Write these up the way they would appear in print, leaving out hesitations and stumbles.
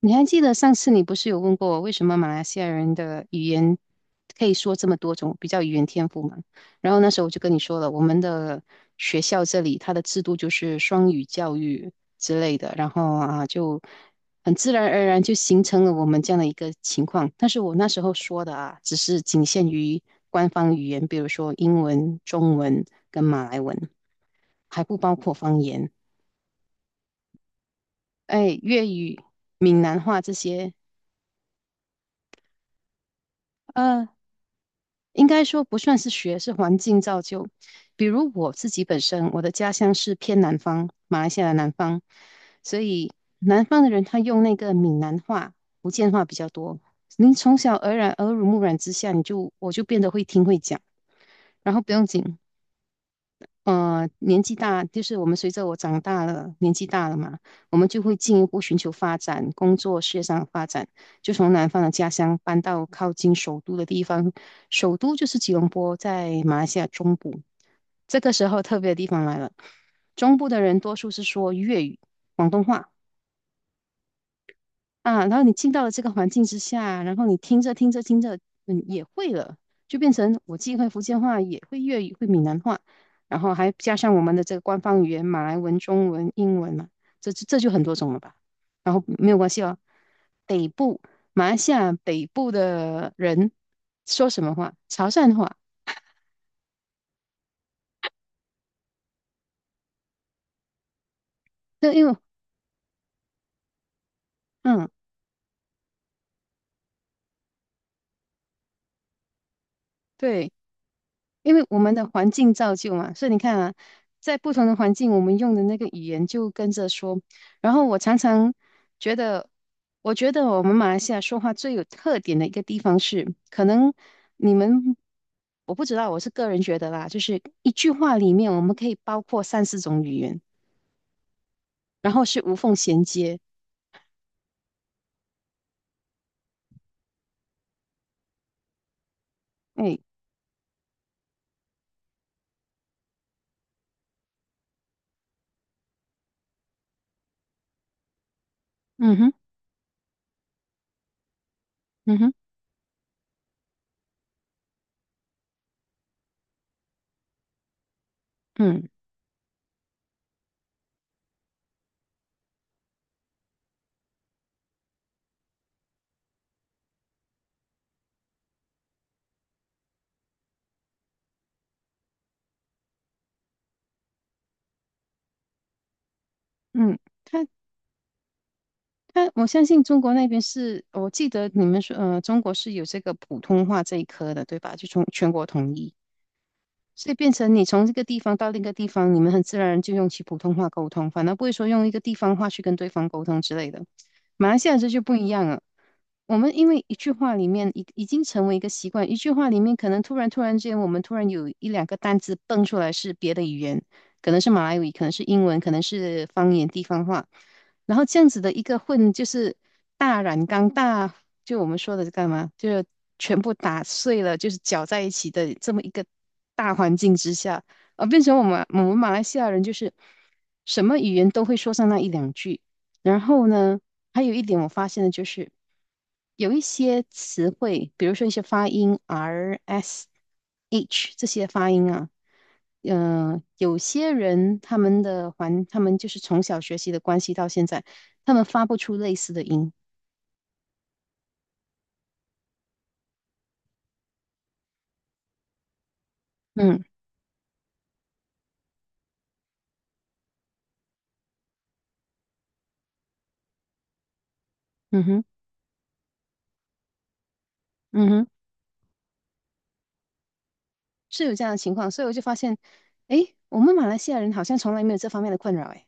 你还记得上次你不是有问过我，为什么马来西亚人的语言可以说这么多种，比较语言天赋嘛？然后那时候我就跟你说了，我们的学校这里它的制度就是双语教育之类的，然后啊就很自然而然就形成了我们这样的一个情况。但是我那时候说的啊，只是仅限于官方语言，比如说英文、中文跟马来文，还不包括方言，哎，粤语、闽南话这些。呃，应该说不算是学，是环境造就。比如我自己本身，我的家乡是偏南方，马来西亚的南方，所以南方的人他用那个闽南话、福建话比较多。您从小耳染、耳濡目染之下，我就变得会听会讲，然后不用紧，年纪大，就是我们随着我长大了，年纪大了嘛，我们就会进一步寻求发展，工作、事业上的发展，就从南方的家乡搬到靠近首都的地方。首都就是吉隆坡，在马来西亚中部。这个时候特别的地方来了，中部的人多数是说粤语、广东话。啊，然后你进到了这个环境之下，然后你听着听着听着，嗯，也会了，就变成我既会福建话，也会粤语，会闽南话，然后还加上我们的这个官方语言马来文、中文、英文嘛，这就很多种了吧。然后没有关系哦，北部马来西亚北部的人说什么话？潮汕话，那因为嗯，对。因为我们的环境造就嘛，所以你看啊，在不同的环境，我们用的那个语言就跟着说。然后觉得，我觉得我们马来西亚说话最有特点的一个地方是，可能你们我不知道，我是个人觉得啦，就是一句话里面我们可以包括三四种语言，然后是无缝衔接。哎，嗯哼，嗯哼，嗯嗯，它他我相信中国那边是，我记得你们说，中国是有这个普通话这一科的，对吧？就从全国统一，所以变成你从这个地方到另一个地方，你们很自然就用起普通话沟通，反而不会说用一个地方话去跟对方沟通之类的。马来西亚这就不一样了，我们因为一句话里面已经成为一个习惯，一句话里面可能突然之间，我们突然有一两个单字蹦出来是别的语言，可能是马来语，可能是英文，可能是方言地方话。然后这样子的一个混就是大染缸大，就我们说的干嘛，就是全部打碎了，就是搅在一起的这么一个大环境之下，啊，变成我们马来西亚人就是什么语言都会说上那一两句。然后呢，还有一点我发现的就是，有一些词汇，比如说一些发音 R、S、H 这些发音啊，有些人他们就是从小学习的关系到现在，他们发不出类似的音。嗯嗯哼嗯哼，是有这样的情况，所以我就发现，诶，我们马来西亚人好像从来没有这方面的困扰。诶。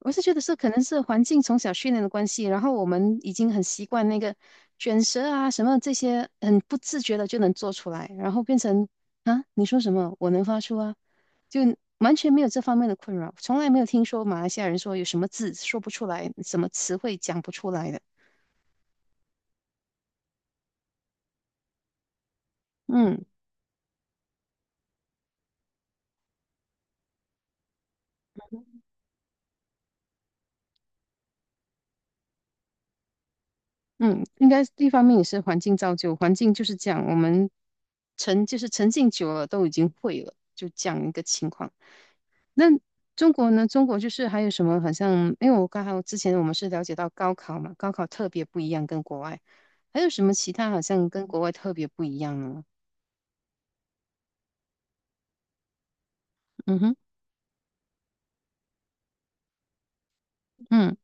我是觉得是可能是环境从小训练的关系，然后我们已经很习惯那个卷舌啊什么这些，很不自觉的就能做出来，然后变成啊你说什么我能发出啊，就完全没有这方面的困扰，从来没有听说马来西亚人说有什么字说不出来，什么词汇讲不出来的。嗯嗯，应该一方面也是环境造就，环境就是这样，我们沉就是沉浸久了都已经会了，就这样一个情况。那中国呢？中国就是还有什么？好像因为我刚好之前我们是了解到高考嘛，高考特别不一样，跟国外还有什么其他好像跟国外特别不一样呢？嗯哼，嗯，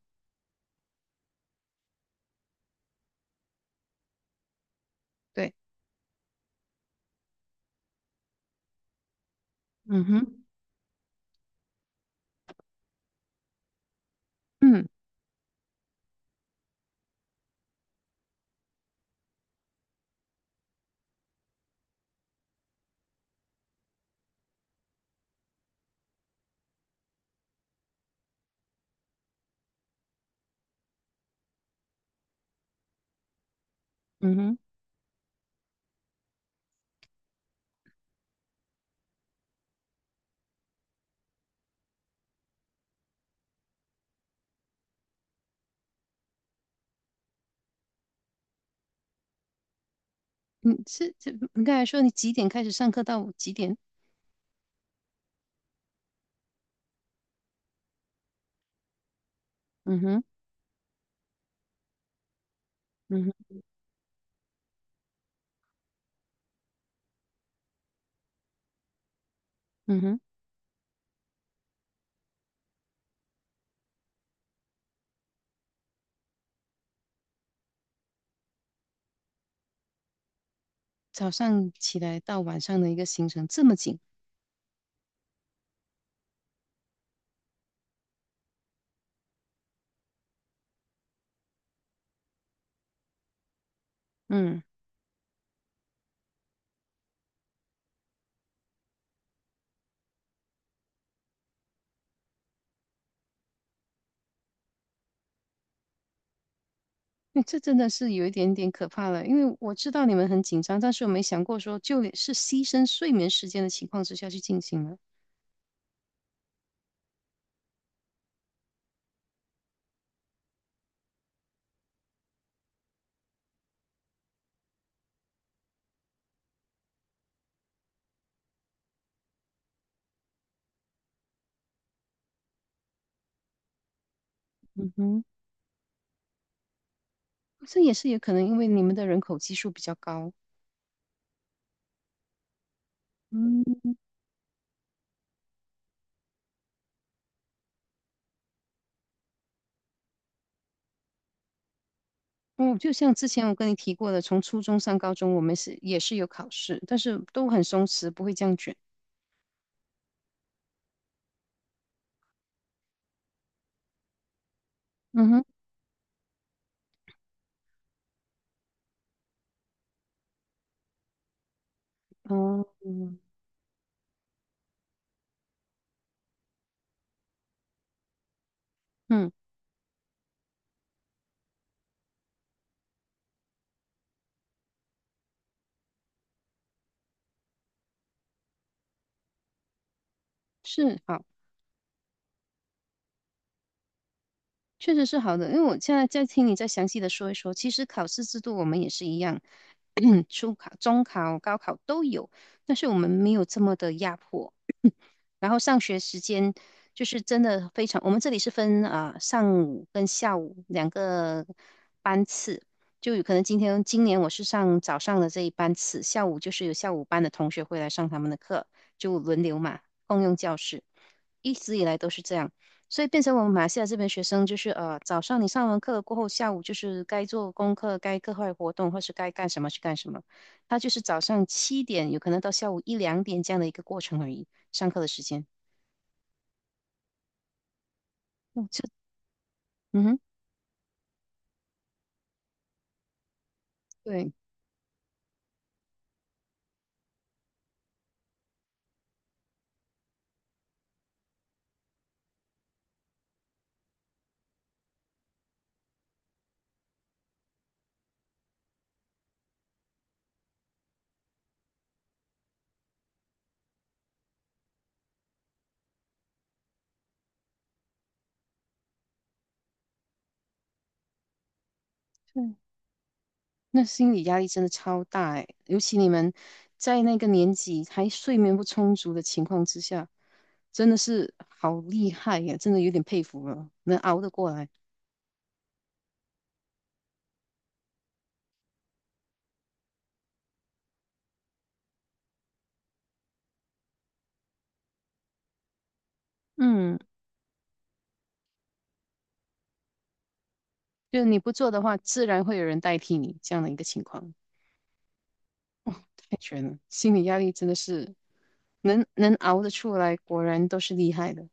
对，嗯哼，嗯嗯哼，你是这你刚才说你几点开始上课到几点？嗯哼，嗯哼，嗯哼，早上起来到晚上的一个行程这么紧，嗯。嗯，这真的是有一点点可怕了，因为我知道你们很紧张，但是我没想过说，就连是牺牲睡眠时间的情况之下去进行了。嗯哼，这也是有可能因为你们的人口基数比较高。嗯嗯，就像之前我跟你提过的，从初中上高中，我们也是有考试，但是都很松弛，不会这样卷。嗯哼，哦，嗯嗯，是好。确实是好的，因为我现在在听你再详细的说一说，其实考试制度我们也是一样，初考、中考、高考都有，但是我们没有这么的压迫。然后上学时间就是真的非常，我们这里是分啊、上午跟下午两个班次，就有可能今年我是上早上的这一班次，下午就是有下午班的同学会来上他们的课，就轮流嘛，共用教室，一直以来都是这样，所以变成我们马来西亚这边学生就是早上你上完课过后，下午就是该做功课、该课外活动或是该干什么去干什么，他就是早上7点有可能到下午1、2点这样的一个过程而已。上课的时间。哦，这，嗯哼，对对，那心理压力真的超大哎，尤其你们在那个年纪还睡眠不充足的情况之下，真的是好厉害呀，真的有点佩服了，能熬得过来。嗯，就是你不做的话，自然会有人代替你这样的一个情况，太悬了，心理压力真的是能熬得出来，果然都是厉害的。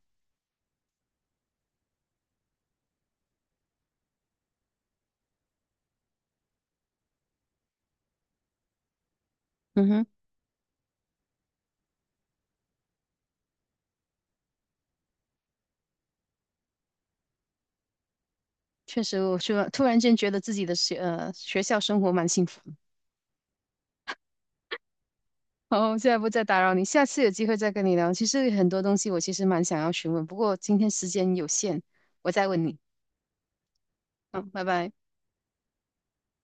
嗯哼，确实，我说突然间觉得自己的学校生活蛮幸福哦，现在不再打扰你，下次有机会再跟你聊。其实很多东西我其实蛮想要询问，不过今天时间有限，我再问你。嗯，拜拜。